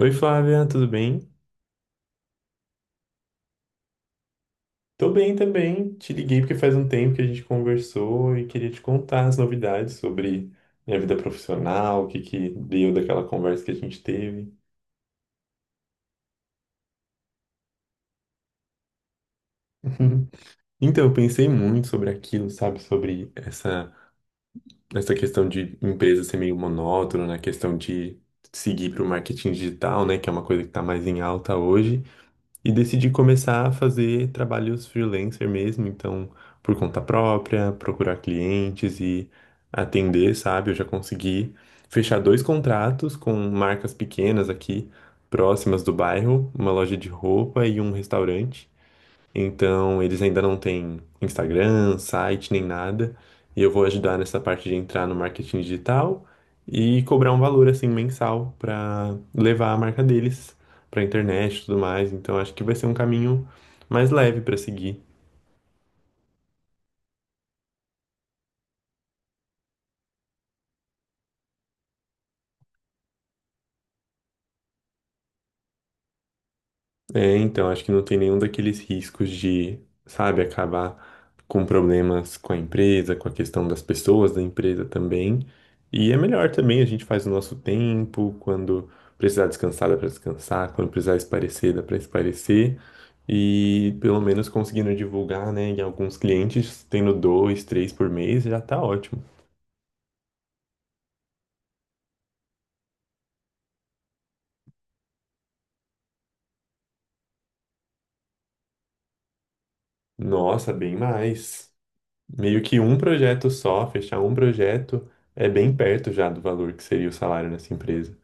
Oi, Flávia, tudo bem? Tô bem também. Te liguei porque faz um tempo que a gente conversou e queria te contar as novidades sobre minha vida profissional, o que que deu daquela conversa que a gente teve. Então, eu pensei muito sobre aquilo, sabe? Sobre essa questão de empresa ser meio monótona, na questão de seguir para o marketing digital, né? Que é uma coisa que está mais em alta hoje. E decidi começar a fazer trabalhos freelancer mesmo, então, por conta própria, procurar clientes e atender, sabe? Eu já consegui fechar dois contratos com marcas pequenas aqui, próximas do bairro, uma loja de roupa e um restaurante. Então, eles ainda não têm Instagram, site, nem nada. E eu vou ajudar nessa parte de entrar no marketing digital e cobrar um valor assim mensal para levar a marca deles para internet e tudo mais. Então, acho que vai ser um caminho mais leve para seguir. É, então, acho que não tem nenhum daqueles riscos de, sabe, acabar com problemas com a empresa, com a questão das pessoas da empresa também. E é melhor também, a gente faz o nosso tempo, quando precisar descansar, dá pra descansar, quando precisar espairecer, dá pra espairecer. E pelo menos conseguindo divulgar, né, em alguns clientes, tendo dois, três por mês, já tá ótimo. Nossa, bem mais. Meio que um projeto só, fechar um projeto, é bem perto já do valor que seria o salário nessa empresa.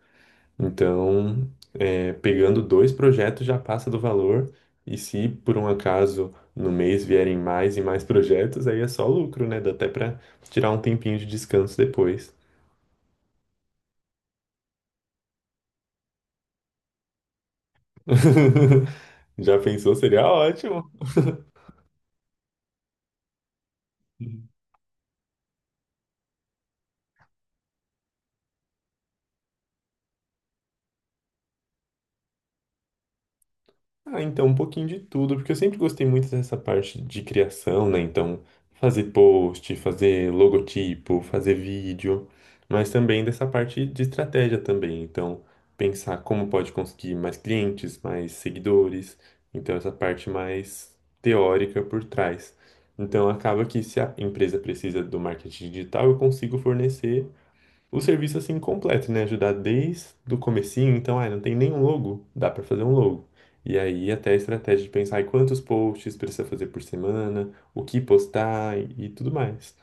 Então, pegando dois projetos já passa do valor, e se por um acaso no mês vierem mais e mais projetos, aí é só lucro, né? Dá até para tirar um tempinho de descanso depois. Já pensou? Seria ótimo. Ah, então um pouquinho de tudo, porque eu sempre gostei muito dessa parte de criação, né? Então, fazer post, fazer logotipo, fazer vídeo, mas também dessa parte de estratégia também. Então, pensar como pode conseguir mais clientes, mais seguidores. Então, essa parte mais teórica por trás. Então, acaba que se a empresa precisa do marketing digital, eu consigo fornecer o serviço assim completo, né? Ajudar desde o comecinho, então, ah, não tem nenhum logo, dá para fazer um logo. E aí até a estratégia de pensar em quantos posts precisa fazer por semana, o que postar e tudo mais.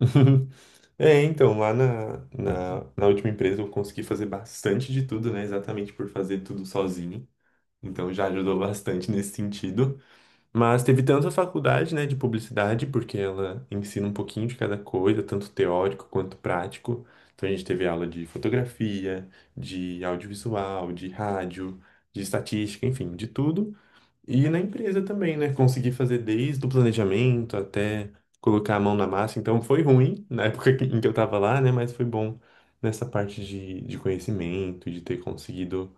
É, então, lá na última empresa eu consegui fazer bastante de tudo, né? Exatamente por fazer tudo sozinho. Então já ajudou bastante nesse sentido. Mas teve tanto a faculdade, né, de publicidade, porque ela ensina um pouquinho de cada coisa, tanto teórico quanto prático. Então a gente teve aula de fotografia, de audiovisual, de rádio, de estatística, enfim, de tudo. E na empresa também, né, consegui fazer desde o planejamento até colocar a mão na massa. Então foi ruim na época em que eu estava lá, né, mas foi bom nessa parte de conhecimento, de ter conseguido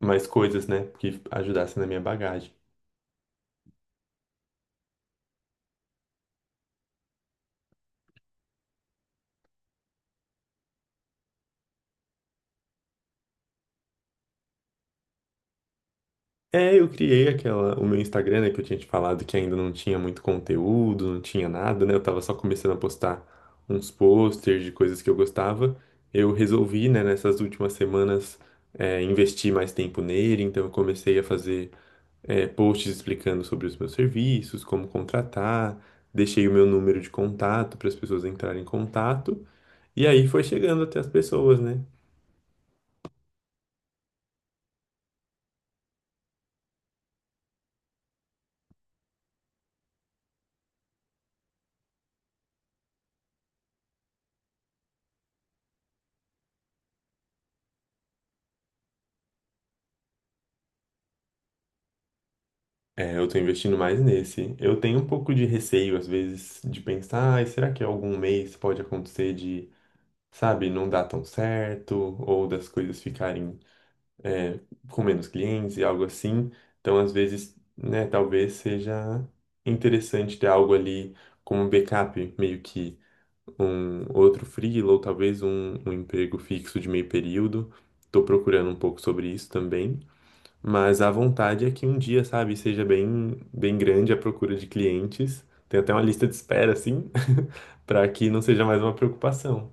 mais coisas, né, que ajudassem na minha bagagem. É, eu criei aquela, o meu Instagram, né, que eu tinha te falado que ainda não tinha muito conteúdo, não tinha nada, né? Eu tava só começando a postar uns posters de coisas que eu gostava. Eu resolvi, né, nessas últimas semanas, investir mais tempo nele, então eu comecei a fazer, posts explicando sobre os meus serviços, como contratar, deixei o meu número de contato para as pessoas entrarem em contato, e aí foi chegando até as pessoas, né? É, eu tô investindo mais nesse. Eu tenho um pouco de receio, às vezes, de pensar, ai, será que algum mês pode acontecer de, sabe, não dar tão certo, ou das coisas ficarem, é, com menos clientes e algo assim. Então, às vezes, né, talvez seja interessante ter algo ali como um backup, meio que um outro freela, ou talvez um emprego fixo de meio período. Tô procurando um pouco sobre isso também. Mas a vontade é que um dia, sabe, seja bem, bem grande a procura de clientes. Tem até uma lista de espera, assim, para que não seja mais uma preocupação.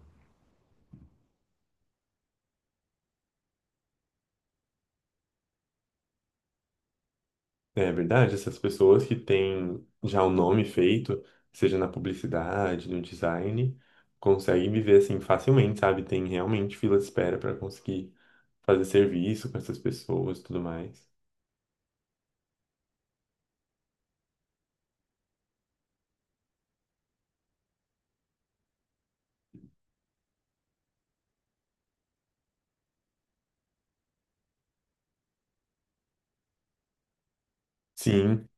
É verdade, essas pessoas que têm já o nome feito, seja na publicidade, no design, conseguem viver assim facilmente, sabe? Tem realmente fila de espera para conseguir fazer serviço com essas pessoas, e tudo mais. Sim,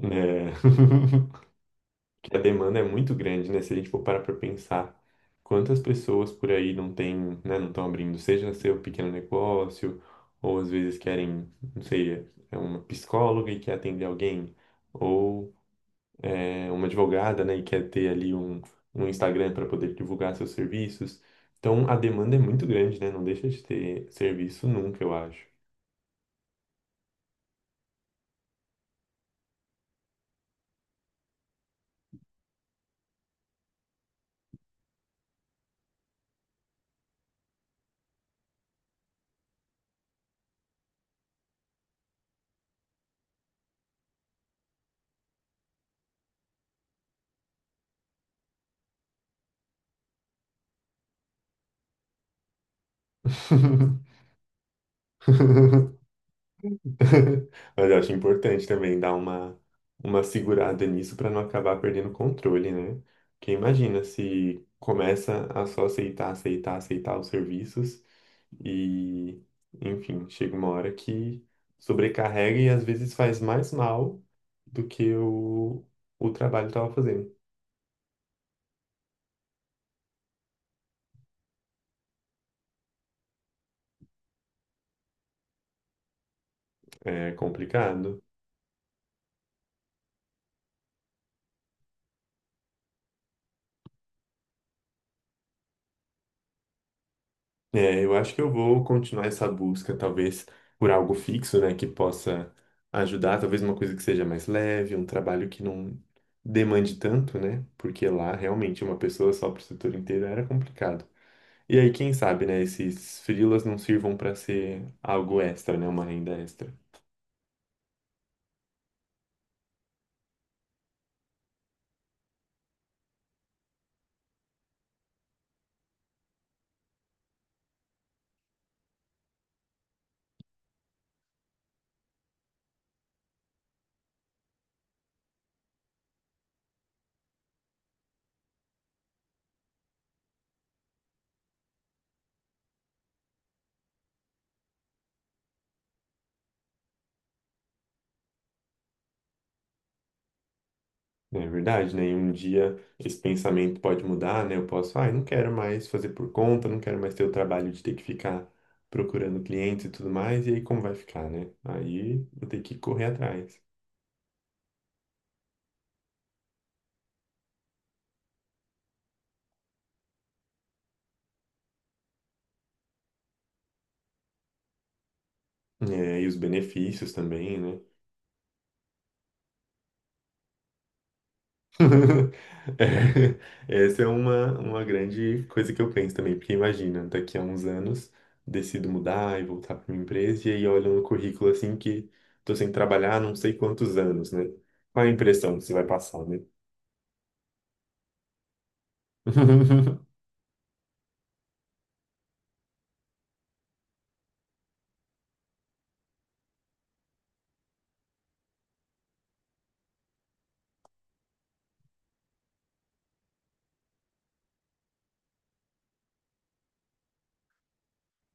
né? E a demanda é muito grande, né? Se a gente for parar para pensar quantas pessoas por aí não têm, né, não estão abrindo, seja seu pequeno negócio, ou às vezes querem, não sei, é uma psicóloga e quer atender alguém, ou é uma advogada, né, e quer ter ali um Instagram para poder divulgar seus serviços. Então a demanda é muito grande, né? Não deixa de ter serviço nunca, eu acho. Mas eu acho importante também dar uma segurada nisso para não acabar perdendo o controle, né? Porque imagina se começa a só aceitar, aceitar, aceitar os serviços e, enfim, chega uma hora que sobrecarrega e às vezes faz mais mal do que o trabalho estava fazendo. É complicado. É, eu acho que eu vou continuar essa busca, talvez por algo fixo, né, que possa ajudar, talvez uma coisa que seja mais leve, um trabalho que não demande tanto, né? Porque lá realmente uma pessoa só para o setor inteiro era complicado. E aí, quem sabe, né, esses freelas não sirvam para ser algo extra, né, uma renda extra. É verdade, né? E um dia esse pensamento pode mudar, né? Eu posso, ah, eu não quero mais fazer por conta, não quero mais ter o trabalho de ter que ficar procurando clientes e tudo mais, e aí como vai ficar, né? Aí vou ter que correr atrás. É, e os benefícios também, né? É, essa é uma grande coisa que eu penso também, porque imagina, daqui a uns anos decido mudar e voltar para minha empresa, e aí olho no currículo assim que tô sem trabalhar há não sei quantos anos, né? Qual a impressão que você vai passar, né?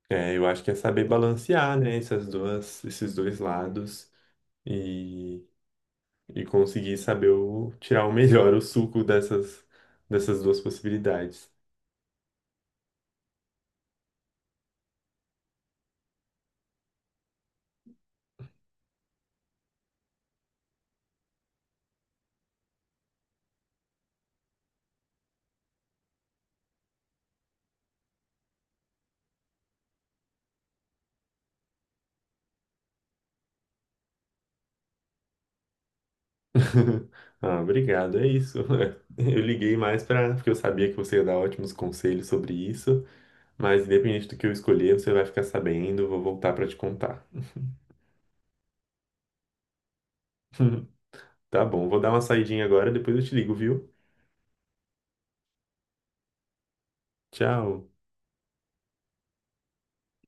É, eu acho que é saber balancear, né, essas duas, esses dois lados e, e conseguir saber o, tirar o melhor, o suco dessas, dessas duas possibilidades. Ah, obrigado, é isso. Eu liguei mais para porque eu sabia que você ia dar ótimos conselhos sobre isso, mas independente do que eu escolher, você vai ficar sabendo, vou voltar para te contar. Tá bom, vou dar uma saidinha agora, depois eu te ligo, viu? Tchau.